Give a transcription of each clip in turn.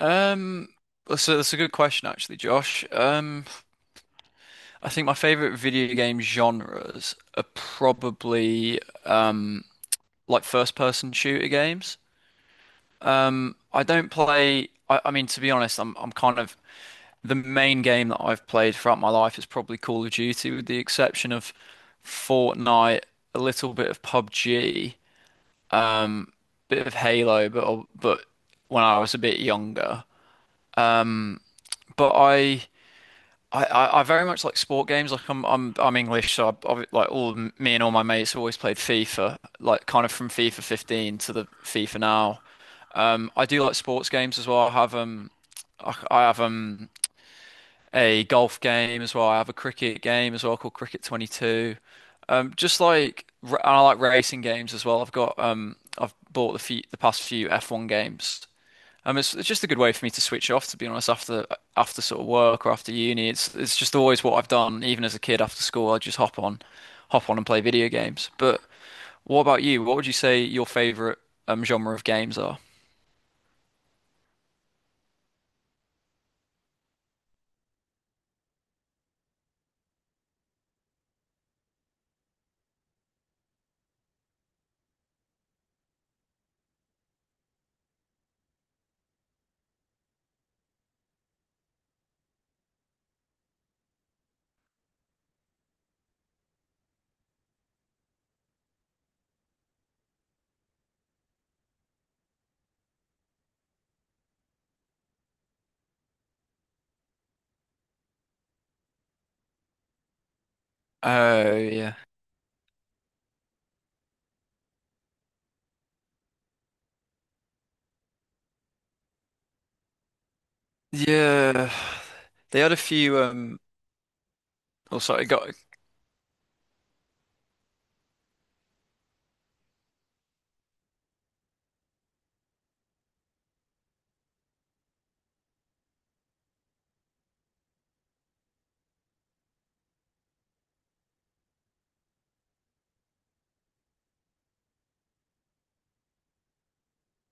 Um, that's a good question, actually, Josh. I think my favorite video game genres are probably like first-person shooter games. I don't play. I mean, to be honest, I'm kind of the main game that I've played throughout my life is probably Call of Duty, with the exception of Fortnite, a little bit of PUBG, bit of Halo, but when I was a bit younger. But I very much like sport games. Like I'm English, so I like all me and all my mates have always played FIFA. Like kind of from FIFA 15 to the FIFA now. I do like sports games as well. I have a golf game as well. I have a cricket game as well called Cricket 22. Just like and I like racing games as well. I've got I've bought the past few F1 games. It's just a good way for me to switch off, to be honest, after sort of work or after uni. It's just always what I've done, even as a kid after school. I just hop on and play video games. But what about you? What would you say your favorite genre of games are? Oh yeah, yeah. They had a few. Oh sorry, got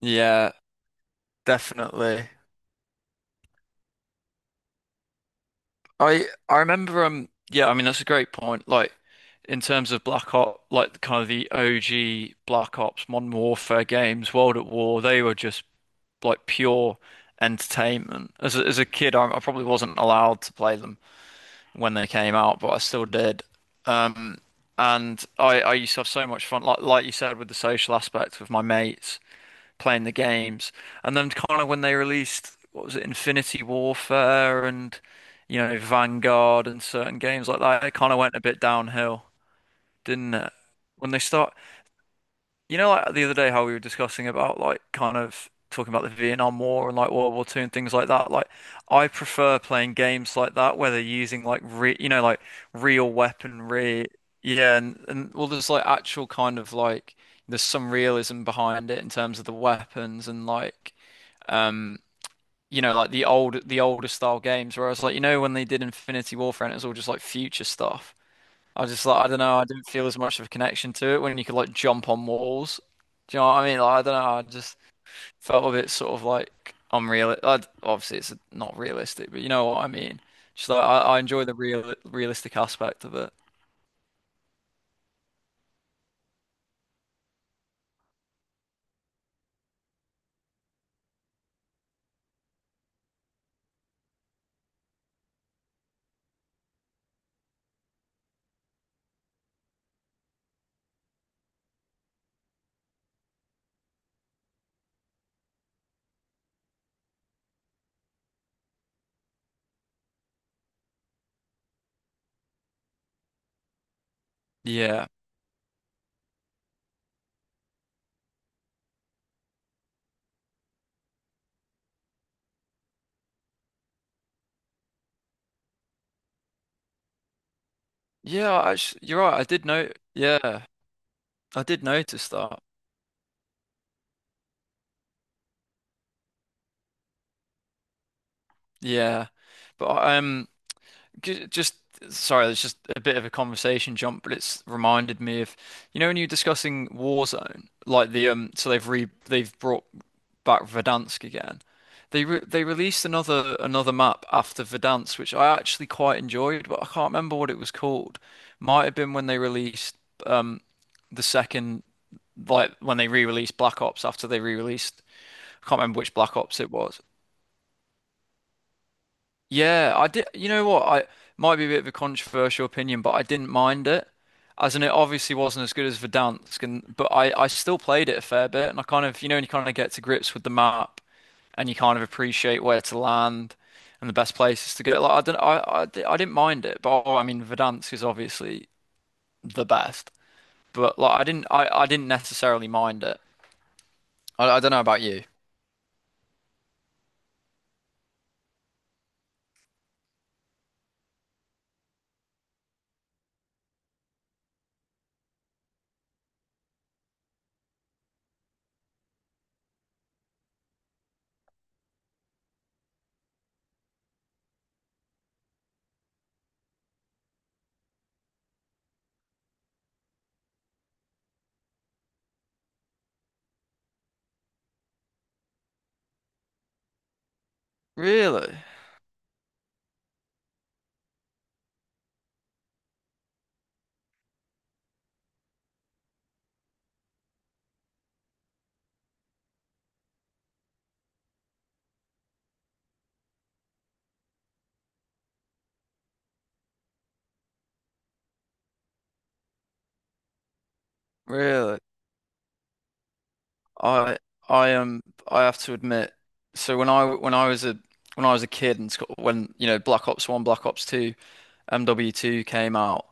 yeah, definitely. I remember yeah, I mean that's a great point, like in terms of Black Ops, like kind of the OG Black Ops Modern Warfare games, World at War, they were just like pure entertainment. As a kid I probably wasn't allowed to play them when they came out, but I still did. um and I used to have so much fun, like you said, with the social aspect, with my mates playing the games. And then kind of when they released, what was it, Infinity Warfare and, you know, Vanguard and certain games like that, it kind of went a bit downhill, didn't it? When they start, you know, like the other day how we were discussing about, like, kind of talking about the Vietnam War and like World War Two and things like that. Like, I prefer playing games like that where they're using like you know, like real weaponry. Yeah, and well, there's like actual kind of like there's some realism behind it in terms of the weapons and like um, you know, like the older style games where I was like, you know, when they did Infinity Warfare and it was all just like future stuff. I was just like, I don't know, I didn't feel as much of a connection to it when you could like jump on walls. Do you know what I mean? Like, I don't know, I just felt a bit sort of like unreal. I'd, obviously, it's not realistic, but you know what I mean. Just like I enjoy the real realistic aspect of it. Yeah, yeah, you're right. I did know. Yeah, I did notice that. Yeah, but I- um. Ju- Just sorry, it's just a bit of a conversation jump, but it's reminded me of, you know, when you are discussing Warzone, like the so they've re they've brought back Verdansk again. They re they released another map after Verdansk, which I actually quite enjoyed, but I can't remember what it was called. Might have been when they released um the second, like when they re-released Black Ops after they re-released. I can't remember which Black Ops it was. Yeah, I did. You know what? I might be a bit of a controversial opinion, but I didn't mind it, as in it obviously wasn't as good as Verdansk, and but I still played it a fair bit, and I kind of, you know, when you kind of get to grips with the map, and you kind of appreciate where to land and the best places to get. Like I don't, I didn't mind it, but oh, I mean Verdansk is obviously the best, but like I didn't necessarily mind it. I don't know about you. Really, really. I I am I have to admit, so when I was a kid and when, you know, Black Ops 1, Black Ops 2, MW2 came out,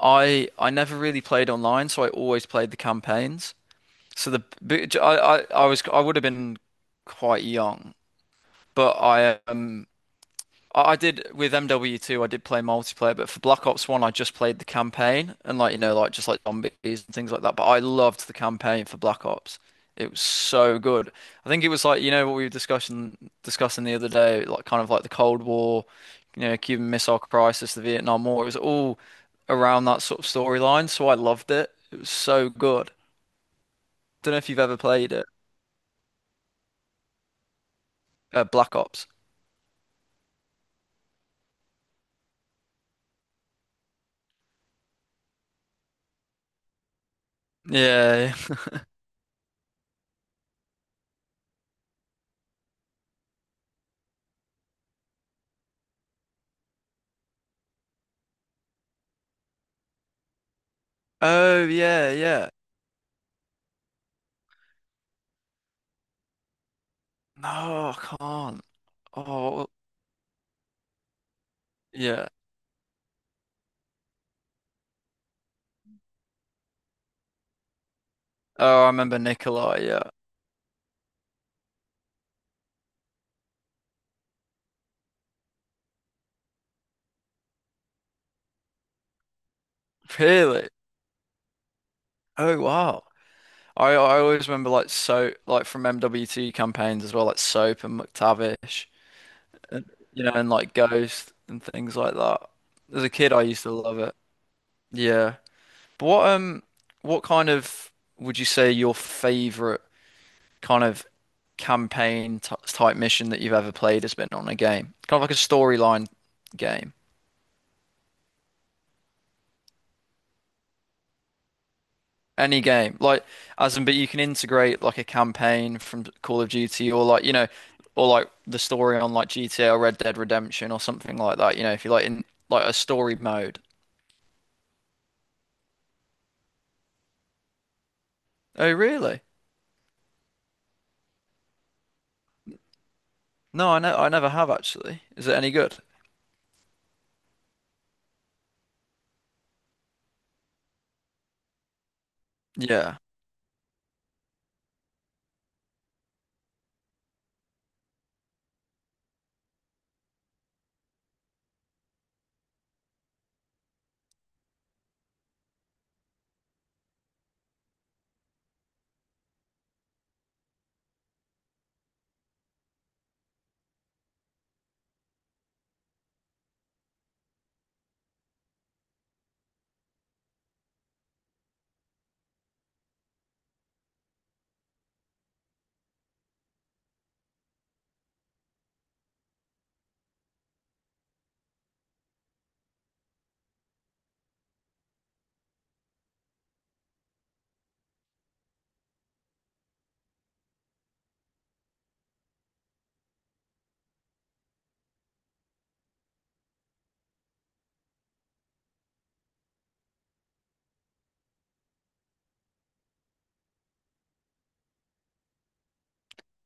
I never really played online, so I always played the campaigns. So the but I was, I would have been quite young, but I did with MW2, I did play multiplayer, but for Black Ops 1, I just played the campaign and, like, you know, like just like zombies and things like that. But I loved the campaign for Black Ops. It was so good. I think it was like, you know, what we were discussing the other day, like kind of like the Cold War, you know, Cuban Missile Crisis, the Vietnam War. It was all around that sort of storyline, so I loved it. It was so good. Don't know if you've ever played it, Black Ops. Yeah. Oh yeah, yeah. No, I can't. Oh, yeah. Oh, I remember Nikolai. Yeah. Really? Oh, wow. I always remember, like, so like from MWT campaigns as well, like Soap and McTavish, and you know, and like Ghost and things like that. As a kid, I used to love it. Yeah. But what kind of would you say your favorite kind of campaign t type mission that you've ever played has been on a game? Kind of like a storyline game. Any game, like, as in, but you can integrate like a campaign from Call of Duty or, like, you know, or like the story on like GTA or Red Dead Redemption or something like that. You know, if you like in like a story mode. Oh, really? No, I know, I never have actually. Is it any good? Yeah.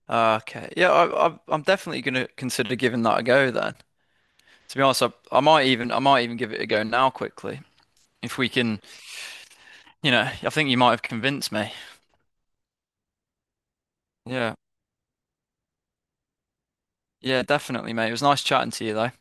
Ah, okay. Yeah, I'm definitely gonna consider giving that a go then. To be honest, I might even give it a go now quickly if we can. You know, I think you might have convinced me. Yeah. Yeah, definitely, mate. It was nice chatting to you though.